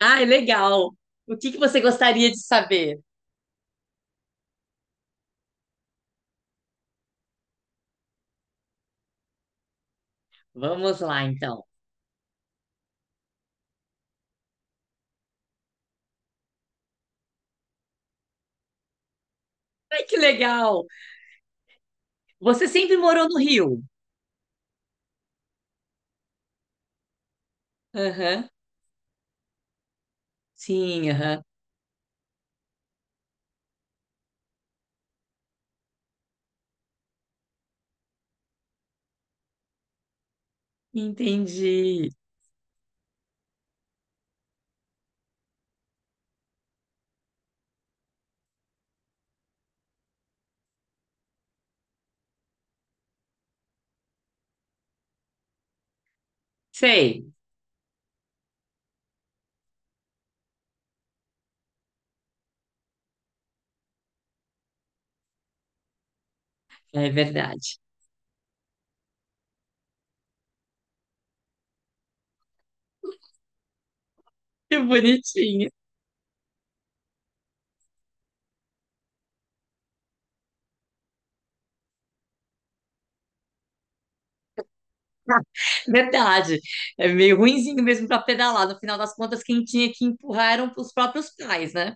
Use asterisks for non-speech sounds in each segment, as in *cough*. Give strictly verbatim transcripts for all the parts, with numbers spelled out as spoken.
Ai, legal. O que que você gostaria de saber? Vamos lá, então. Ai, que legal. Você sempre morou no Rio? Aham. Sim, aham. Entendi. Sei. É verdade. Que bonitinho. *laughs* Verdade. É meio ruinzinho mesmo para pedalar. No final das contas, quem tinha que empurrar eram os próprios pais, né?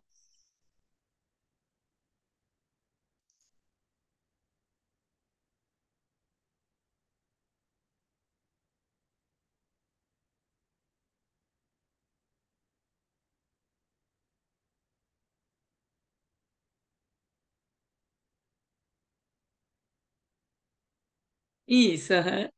Isso, aham.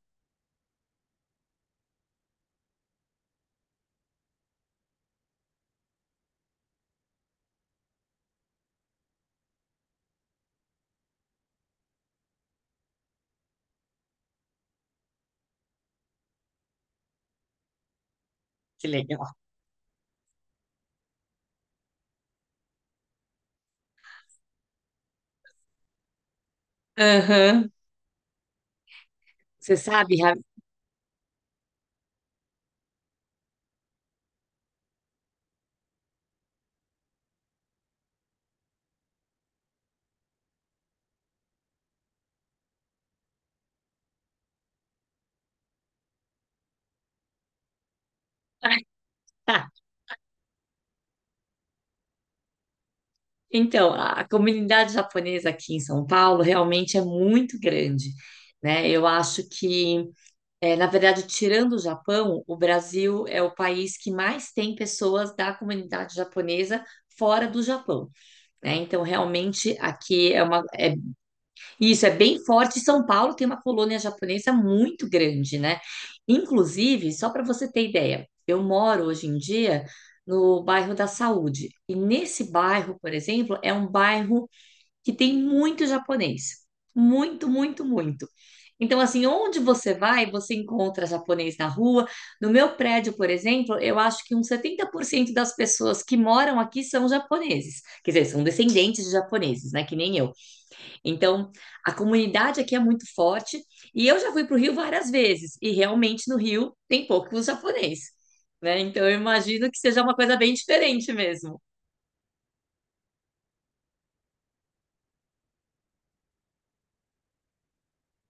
Que legal. Aham. Você sabe, Ra- *laughs* Então, a a comunidade japonesa aqui em São Paulo realmente é muito grande, né? Eu acho que, eh, na verdade, tirando o Japão, o Brasil é o país que mais tem pessoas da comunidade japonesa fora do Japão, né? Então, realmente aqui é uma, é- isso é bem forte. São Paulo tem uma colônia japonesa muito grande, né? Inclusive, só para você ter ideia, eu moro hoje em dia no bairro da Saúde. E nesse bairro, por exemplo, é um bairro que tem muito japonês. Muito, muito, muito. Então, assim, onde você vai, você encontra japonês na rua. No meu prédio, por exemplo, eu acho que uns setenta por cento das pessoas que moram aqui são japoneses. Quer dizer, são descendentes de japoneses, né? Que nem eu. Então, a comunidade aqui é muito forte. E eu já fui para o Rio várias vezes. E realmente no Rio tem poucos japoneses, né? Então, eu imagino que seja uma coisa bem diferente mesmo.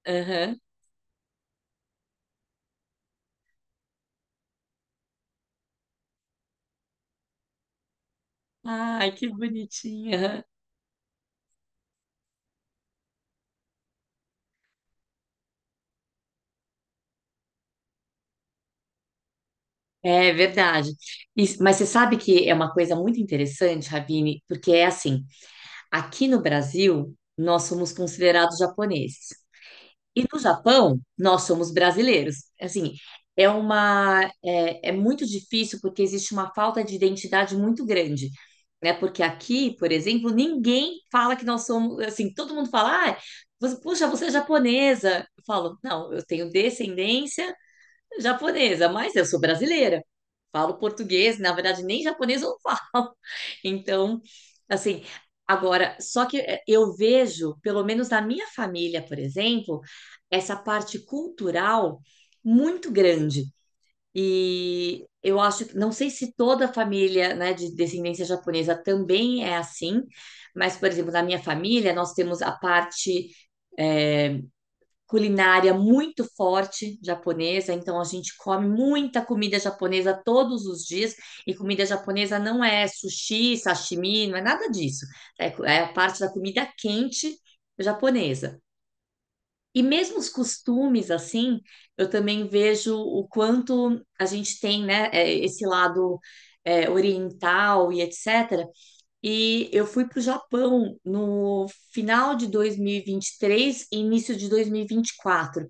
Aham. Ai, que bonitinha. É verdade. Isso- mas você sabe que é uma coisa muito interessante, Ravine, porque é assim, aqui no Brasil, nós somos considerados japoneses. E no Japão, nós somos brasileiros. Assim, é uma, é, é muito difícil porque existe uma falta de identidade muito grande, né? Porque aqui, por exemplo, ninguém fala que nós somos, assim, todo mundo fala, ah, você- puxa, você é japonesa. Eu falo, não, eu tenho descendência japonesa, mas eu sou brasileira. Falo português, na verdade, nem japonês eu falo. *laughs* Então, assim, agora, só que eh, eu vejo, pelo menos na minha família, por exemplo, essa parte cultural muito grande. E eu acho que, não sei se toda a família, né, de descendência japonesa também é assim, mas, por exemplo, na minha família, nós temos a parte culinária muito forte japonesa, então a gente come muita comida japonesa todos os dias, e comida japonesa não é sushi, sashimi, não é nada disso. É, é a parte da comida quente japonesa. E mesmo os costumes, assim, eu também vejo o quanto a gente tem, né, é, esse lado é, oriental e etcétera. E eu fui para o Japão no final de dois mil e vinte e três e vinte e três e início de dois mil e vinte e quatro.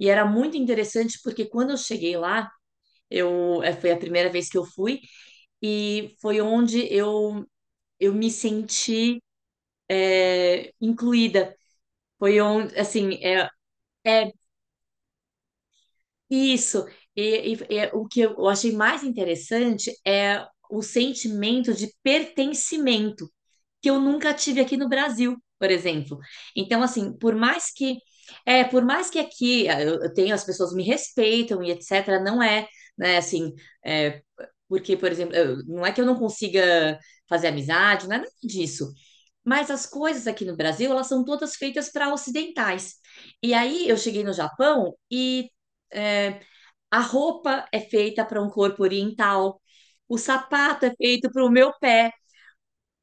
E era muito interessante porque quando eu cheguei lá, eu eh, foi a primeira vez que eu fui e foi onde eu eu me senti eh, incluída. Foi onde, assim, é, é isso. E, e- e o que eu achei mais interessante é o sentimento de pertencimento que eu nunca tive aqui no Brasil, por exemplo. Então, assim, por mais que é, por mais que aqui ah, eu, eu tenho as pessoas me respeitam e etc, não é, né, assim, é, porque, por exemplo, eu- não é que eu não consiga fazer amizade, não é nada disso. Mas as coisas aqui no Brasil, elas são todas feitas para ocidentais. E aí eu cheguei no Japão e é, a roupa é feita para um corpo oriental, o sapato é feito para o meu pé,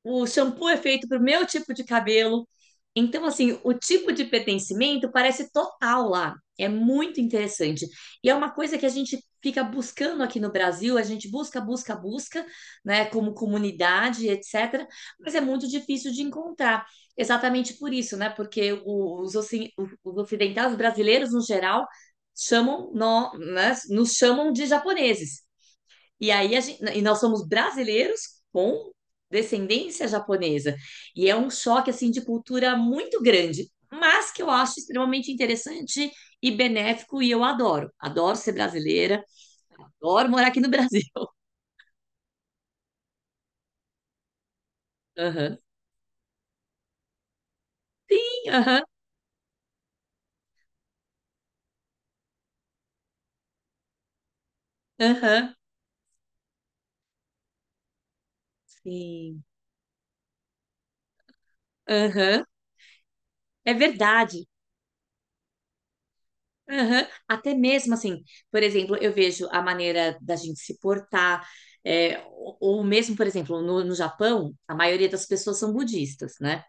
o shampoo é feito para o meu tipo de cabelo. Então, assim, o tipo de pertencimento parece total lá. É muito interessante. E é uma coisa que a gente fica buscando aqui no Brasil, a gente busca, busca, busca, né, como comunidade, etcétera. Mas é muito difícil de encontrar. Exatamente por isso, né? Porque os, oci- os ocidentais, os brasileiros no geral, chamam, nó- né, nos chamam de japoneses. E aí a gente, e nós somos brasileiros com descendência japonesa. E é um choque assim de cultura muito grande, mas que eu acho extremamente interessante e benéfico e eu adoro. Adoro ser brasileira, adoro morar aqui no *laughs* Brasil. Aham. Sim, aham, aham. Sim. Aham. É verdade. Aham. Até mesmo assim, por exemplo, eu vejo a maneira da gente se portar, é, ou, ou mesmo, por exemplo, no, no Japão, a maioria das pessoas são budistas, né?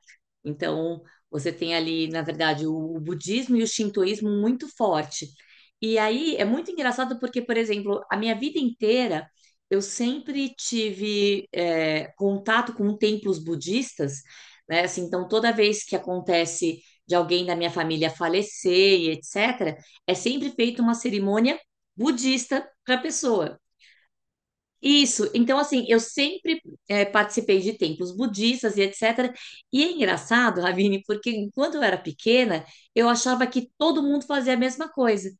Então, você tem ali, na verdade, o, o budismo e o shintoísmo muito forte. E aí é muito engraçado porque, por exemplo, a minha vida inteira eu sempre tive é, contato com templos budistas, né? Assim, então, toda vez que acontece de alguém da minha família falecer e etcétera. É sempre feita uma cerimônia budista para a pessoa. Isso, então assim, eu sempre eh, participei de templos budistas e etcétera. E é engraçado, Ravine, porque enquanto eu era pequena, eu achava que todo mundo fazia a mesma coisa.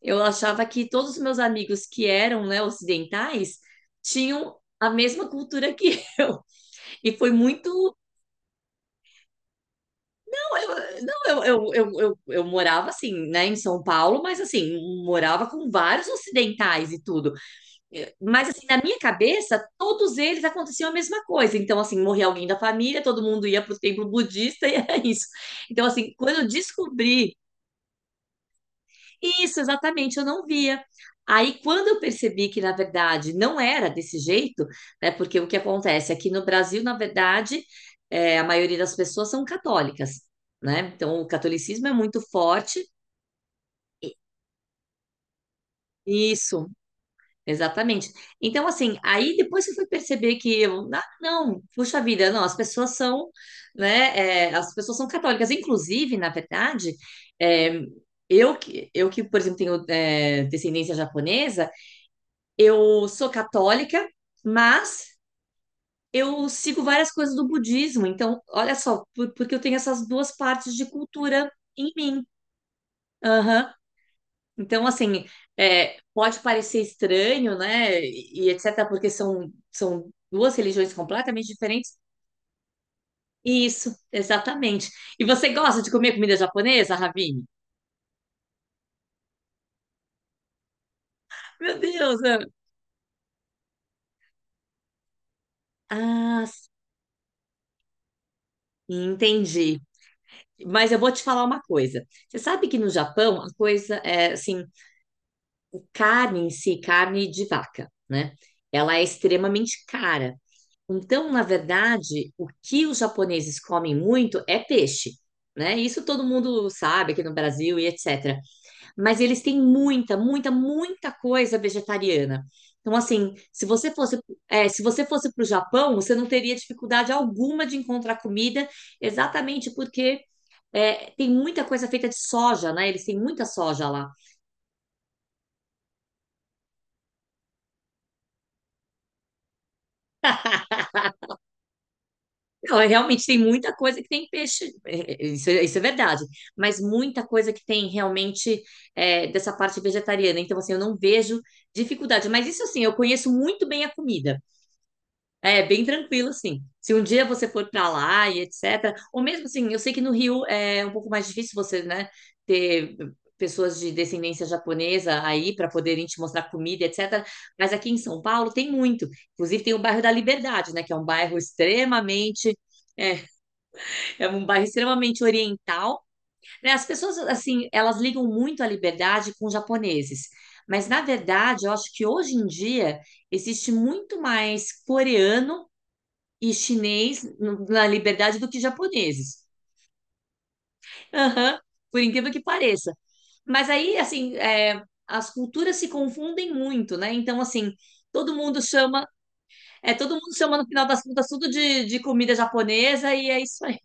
Eu achava que todos os meus amigos que eram, né, ocidentais tinham a mesma cultura que *laughs* eu. E foi muito. Não, eu, não, eu, eu, eu, eu, eu morava assim, né, em São Paulo, mas assim, morava com vários ocidentais e tudo. Mas, assim, na minha cabeça, todos eles aconteciam a mesma coisa. Então, assim, morria alguém da família, todo mundo ia para o templo budista *laughs* e era isso. Então, assim, quando eu descobri isso, exatamente, eu não via. Aí, quando eu percebi que, na verdade, não era desse jeito, né? Porque o que acontece aqui no Brasil, na verdade, é, a maioria das pessoas são católicas, né? Então, o catolicismo é muito forte. Isso, Exatamente. Então, assim, aí depois você foi perceber que eu, ah, não, puxa vida, não, as pessoas são, né, é, as pessoas são católicas. Inclusive, na verdade, é, eu, que- eu que, por exemplo, tenho é, descendência japonesa, eu sou católica, mas eu sigo várias coisas do budismo. Então, olha só, por- porque eu tenho essas duas partes de cultura em mim. Aham. Então, assim, é, pode parecer estranho, né? E etcétera, porque são, são duas religiões completamente diferentes. Isso, exatamente. E você gosta de comer comida japonesa, Ravine? Meu Deus! eu- Ah, s- entendi. Mas eu vou te falar uma coisa. Você sabe que no Japão, a coisa é assim, carne em si, carne de vaca, né? Ela é extremamente cara. Então, na verdade, o que os japoneses comem muito é peixe, né? Isso todo mundo sabe aqui no Brasil e etcétera. Mas eles têm muita, muita, muita coisa vegetariana. Então, assim, se você fosse, é, se você fosse para o Japão, você não teria dificuldade alguma de encontrar comida, exatamente porque é, tem muita coisa feita de soja, né? Eles têm muita soja lá. Não, é, realmente tem muita coisa que tem peixe, é, é, isso, é isso é verdade, mas muita coisa que tem realmente é, dessa parte vegetariana. Então, assim, eu não vejo dificuldade. Mas isso, assim, eu conheço muito bem a comida. É bem tranquilo, assim. Se um dia você for para lá e etcétera. Ou mesmo assim, eu sei que no Rio é um pouco mais difícil você, né, ter pessoas de descendência japonesa aí para poderem te mostrar comida, etcétera. Mas aqui em São Paulo tem muito. Inclusive tem o bairro da Liberdade, né, que é um bairro extremamente é, é um bairro extremamente oriental, né? As pessoas, assim, elas ligam muito à liberdade com os japoneses. Mas, na verdade, eu acho que hoje em dia existe muito mais coreano e chinês no- na liberdade do que japoneses. Aham, por incrível que pareça. Mas aí, assim, é, as culturas se confundem muito, né? Então, assim, todo mundo chama, é, todo mundo chama no final das contas tudo de, de comida japonesa e é isso aí.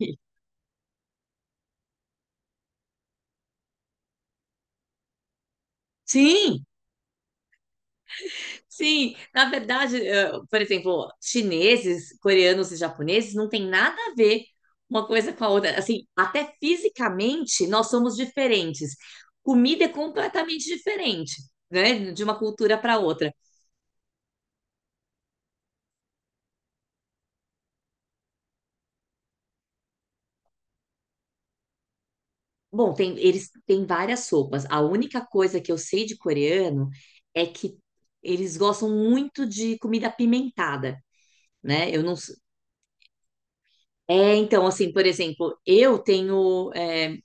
Sim, Sim, na verdade, eh, por exemplo, chineses, coreanos e japoneses não tem nada a ver uma coisa com a outra. Assim, até fisicamente nós somos diferentes. Comida é completamente diferente, né, de uma cultura para outra. Bom, tem, eles têm várias sopas. A única coisa que eu sei de coreano é que eles gostam muito de comida apimentada, né? Eu não s- É, então, assim, por exemplo, eu tenho. eh,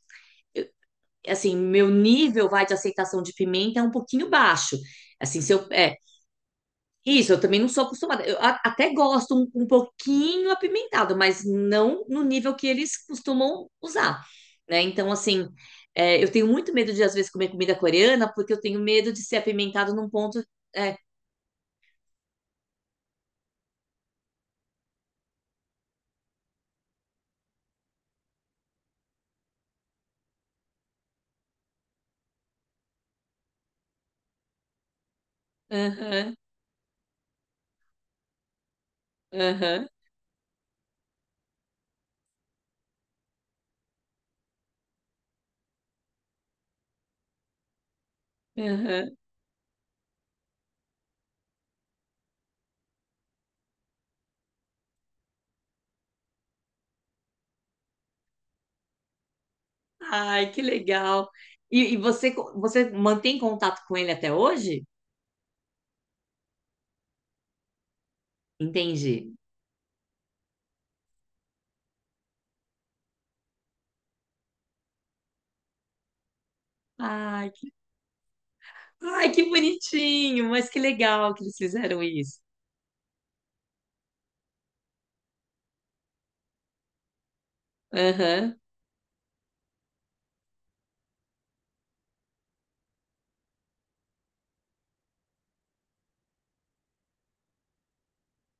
assim, meu nível vai de aceitação de pimenta é um pouquinho baixo. Assim, se eu é isso, eu também não sou acostumada. Eu a- até gosto um, um pouquinho apimentado, mas não no nível que eles costumam usar, né? Então, assim, é, eu tenho muito medo de às vezes comer comida coreana, porque eu tenho medo de ser apimentado num ponto. É, aham, aham, aham. Ai, que legal. E, e você, co- você mantém contato com ele até hoje? Entendi. Ai, Ai, que bonitinho, mas que legal que eles fizeram isso. Aham.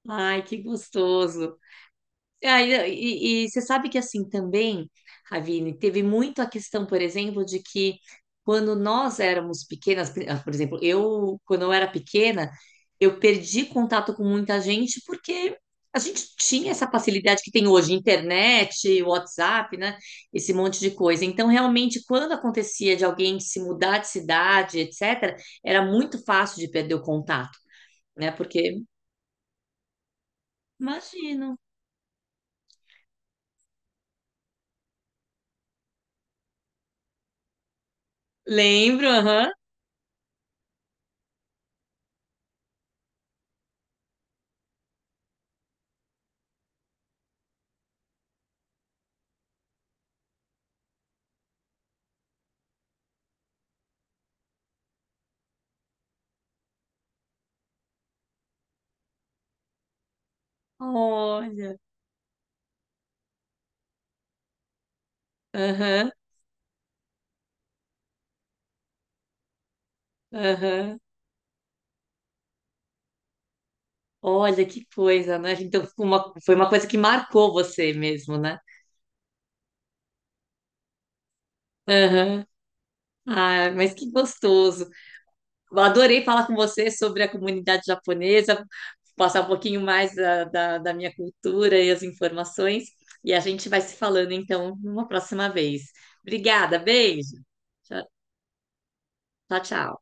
Ai, que gostoso. Ah, e, e- e você sabe que assim também, Ravine, teve muito a questão, por exemplo, de que quando nós éramos pequenas, pri- ah, por exemplo, eu, quando eu era pequena, eu perdi contato com muita gente porque a gente tinha essa facilidade que tem hoje, internet, WhatsApp, né? Esse monte de coisa. Então, realmente, quando acontecia de alguém se mudar de cidade, etcétera, era muito fácil de perder o contato, né? Porque, imagino. Lembro, aham. Olha. Aham, aham. Olha que coisa, né? Então, uma, foi uma coisa que marcou você mesmo, né? Aham. Ah, mas que gostoso. Eu adorei falar com você sobre a comunidade japonesa, passar um pouquinho mais da, da, da minha cultura e as informações. E a gente vai se falando, então, numa próxima vez. Obrigada, beijo. Tchau, tchau. Tchau.